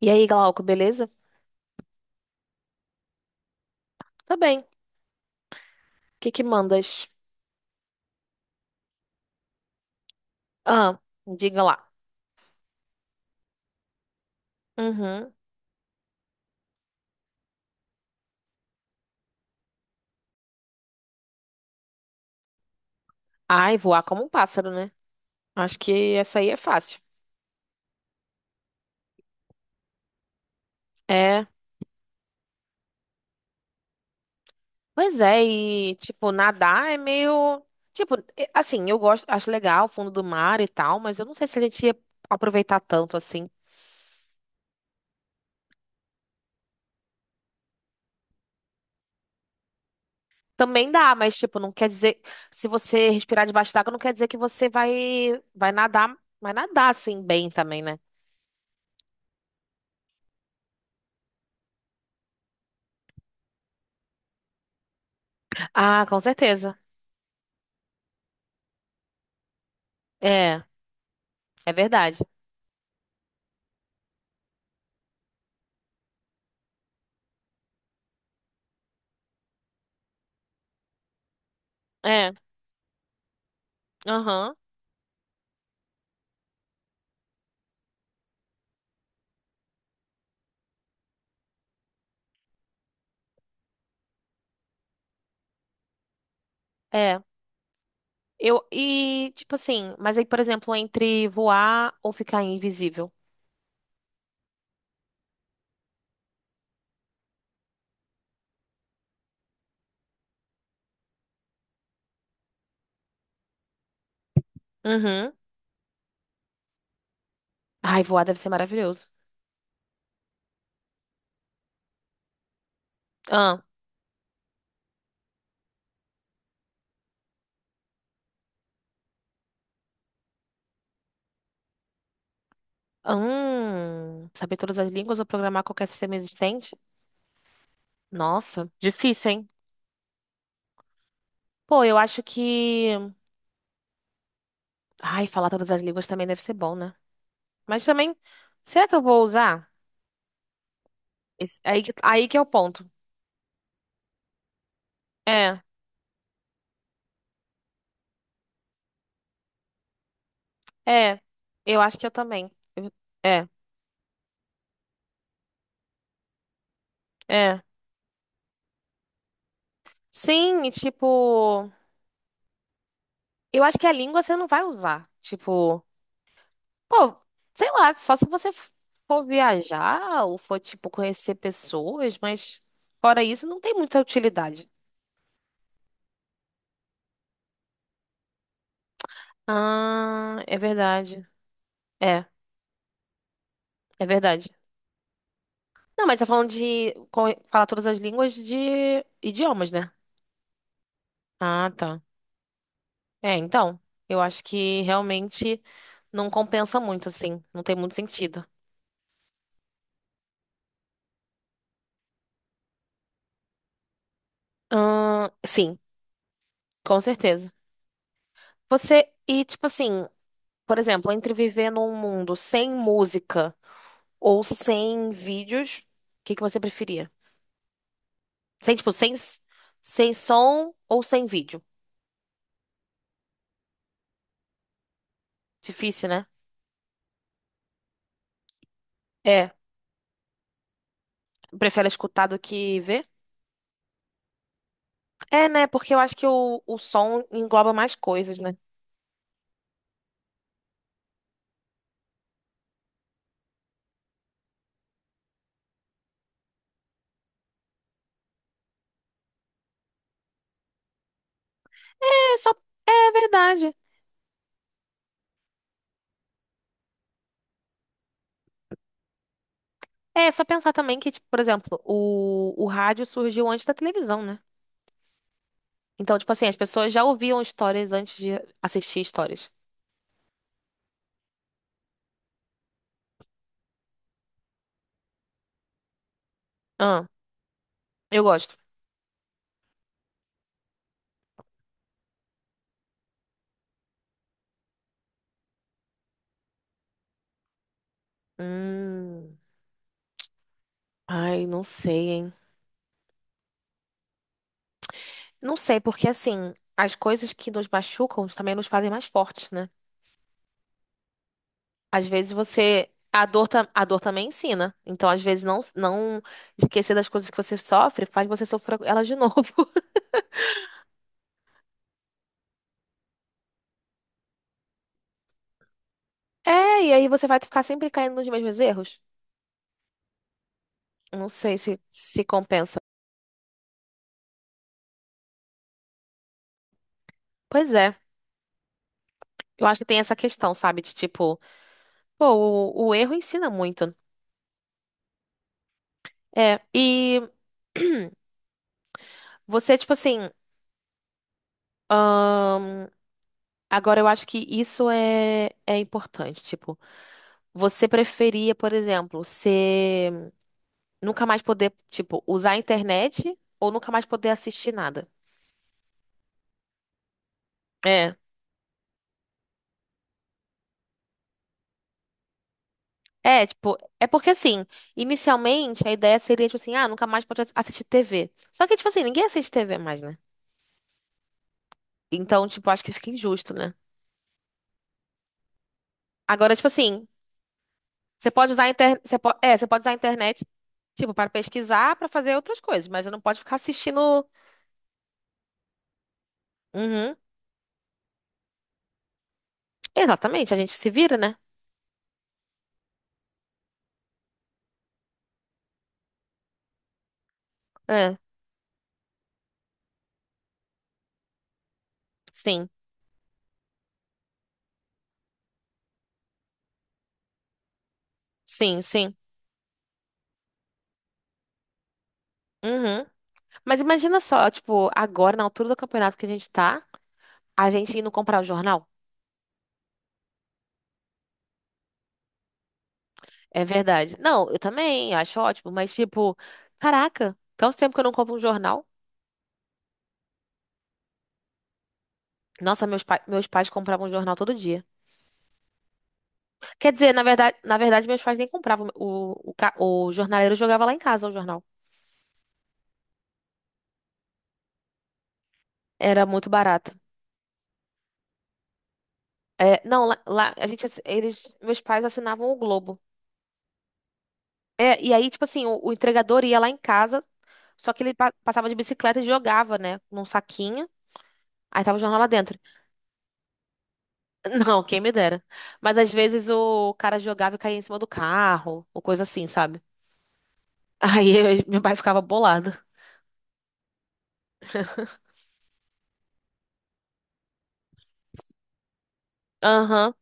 E aí, Glauco, beleza? Tá bem. O que mandas? Ah, diga lá. Uhum. Ai, voar como um pássaro, né? Acho que essa aí é fácil. É. Pois é, e tipo, nadar é meio. Tipo, assim, eu gosto, acho legal o fundo do mar e tal, mas eu não sei se a gente ia aproveitar tanto assim. Também dá, mas tipo, não quer dizer. Se você respirar debaixo d'água, não quer dizer que vai nadar, vai nadar assim bem também, né? Ah, com certeza. É, é verdade. É, aham. É. Tipo assim, mas aí, por exemplo, entre voar ou ficar invisível. Uhum. Ai, voar deve ser maravilhoso. Ah, saber todas as línguas ou programar qualquer sistema existente? Nossa, difícil, hein? Pô, eu acho que. Ai, falar todas as línguas também deve ser bom, né? Mas também, será que eu vou usar? Aí que é o ponto. É, é. Eu acho que eu também. Eu- É, é. Sim, e tipo. Eu acho que a língua você não vai usar. Tipo. Pô, sei lá, só se você for viajar ou for, tipo, conhecer pessoas, mas fora isso, não tem muita utilidade. Ah, é verdade. É, é verdade. Não, mas tá falando de falar todas as línguas de idiomas, né? Ah, tá. É, então, eu acho que realmente não compensa muito, assim. Não tem muito sentido. Sim, com certeza. Você, e tipo assim, por exemplo, entre viver num mundo sem música. Ou sem vídeos, o que você preferia? Sem, tipo, sem, s- sem som ou sem vídeo? Difícil, né? É. Prefere escutar do que ver? É, né? Porque eu acho que o som engloba mais coisas, né? É, só. É verdade. É, só pensar também que, tipo, por exemplo, o rádio surgiu antes da televisão, né? Então, tipo assim, as pessoas já ouviam histórias antes de assistir histórias. Ah, eu gosto. Hum. Ai, não sei, hein? Não sei, porque assim, as coisas que nos machucam também nos fazem mais fortes, né? Às vezes você. A dor também ensina. Então, às vezes, não esquecer das coisas que você sofre faz você sofrer elas de novo. É, e aí você vai ficar sempre caindo nos mesmos erros. Não sei se compensa. Pois é, eu acho que tem essa questão, sabe? De tipo, pô, o erro ensina muito. É, e você, tipo assim, ahn, agora eu acho que isso é importante. Tipo, você preferia, por exemplo, ser nunca mais poder, tipo, usar a internet ou nunca mais poder assistir nada? É. É, tipo, é porque assim, inicialmente a ideia seria, tipo assim, ah, nunca mais pode assistir TV. Só que, tipo assim, ninguém assiste TV mais, né? Então, tipo, acho que fica injusto, né? Agora, tipo assim, você pode usar a internet, você pode usar a internet, tipo, para pesquisar, para fazer outras coisas, mas você não pode ficar assistindo. Uhum. Exatamente, a gente se vira, né? É, sim, sim, sim. Uhum. Mas imagina só, tipo, agora, na altura do campeonato que a gente tá, a gente indo comprar o jornal. É verdade. Não, eu também acho ótimo, mas tipo, caraca, tanto tempo que eu não compro um jornal. Nossa, meus pais compravam um jornal todo dia. Quer dizer, na verdade, meus pais nem compravam. O jornaleiro jogava lá em casa o jornal. Era muito barato. É, não, lá, lá a gente, meus pais assinavam o Globo. É, e aí, tipo assim, o entregador ia lá em casa, só que ele passava de bicicleta e jogava, né, num saquinho. Aí tava o jornal lá dentro. Não, quem me dera. Mas às vezes o cara jogava e caía em cima do carro, ou coisa assim, sabe? Aí meu pai ficava bolado. Aham.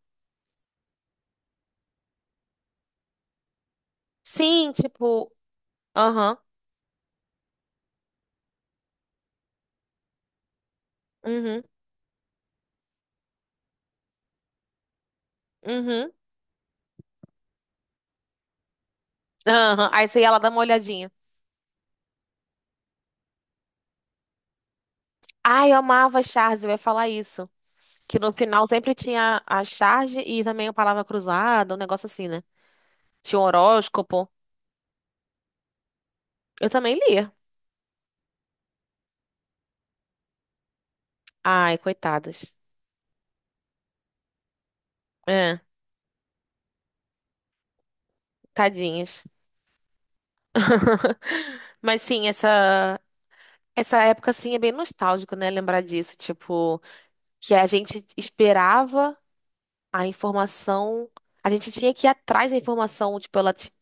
Sim, tipo, aham. Uhum. Uhum. Aham. Aí você ia lá dar uma olhadinha. Ai, eu amava a Charge, eu ia falar isso. Que no final sempre tinha a charge e também a palavra cruzada, um negócio assim, né? Tinha um horóscopo. Eu também lia. Ai, coitadas. É, tadinhas. Mas sim, essa. Essa época, assim, é bem nostálgico, né? Lembrar disso, tipo, que a gente esperava a informação, a gente tinha que ir atrás da informação, tipo,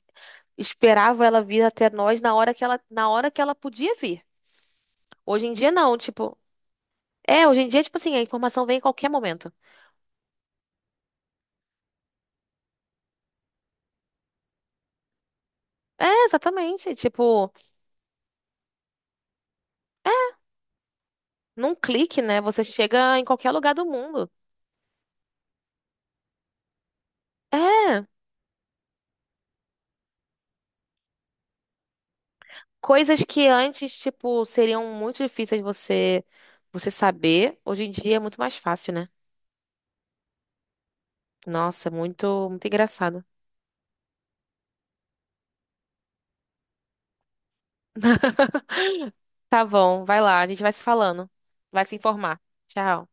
esperava ela vir até nós na hora que na hora que ela podia vir. Hoje em dia, não, tipo, é, hoje em dia, tipo assim, a informação vem em qualquer momento. É, exatamente, tipo, num clique, né? Você chega em qualquer lugar do mundo. É, coisas que antes, tipo, seriam muito difíceis você saber, hoje em dia é muito mais fácil, né? Nossa, muito, muito engraçado. Tá bom, vai lá, a gente vai se falando. Vai se informar. Tchau.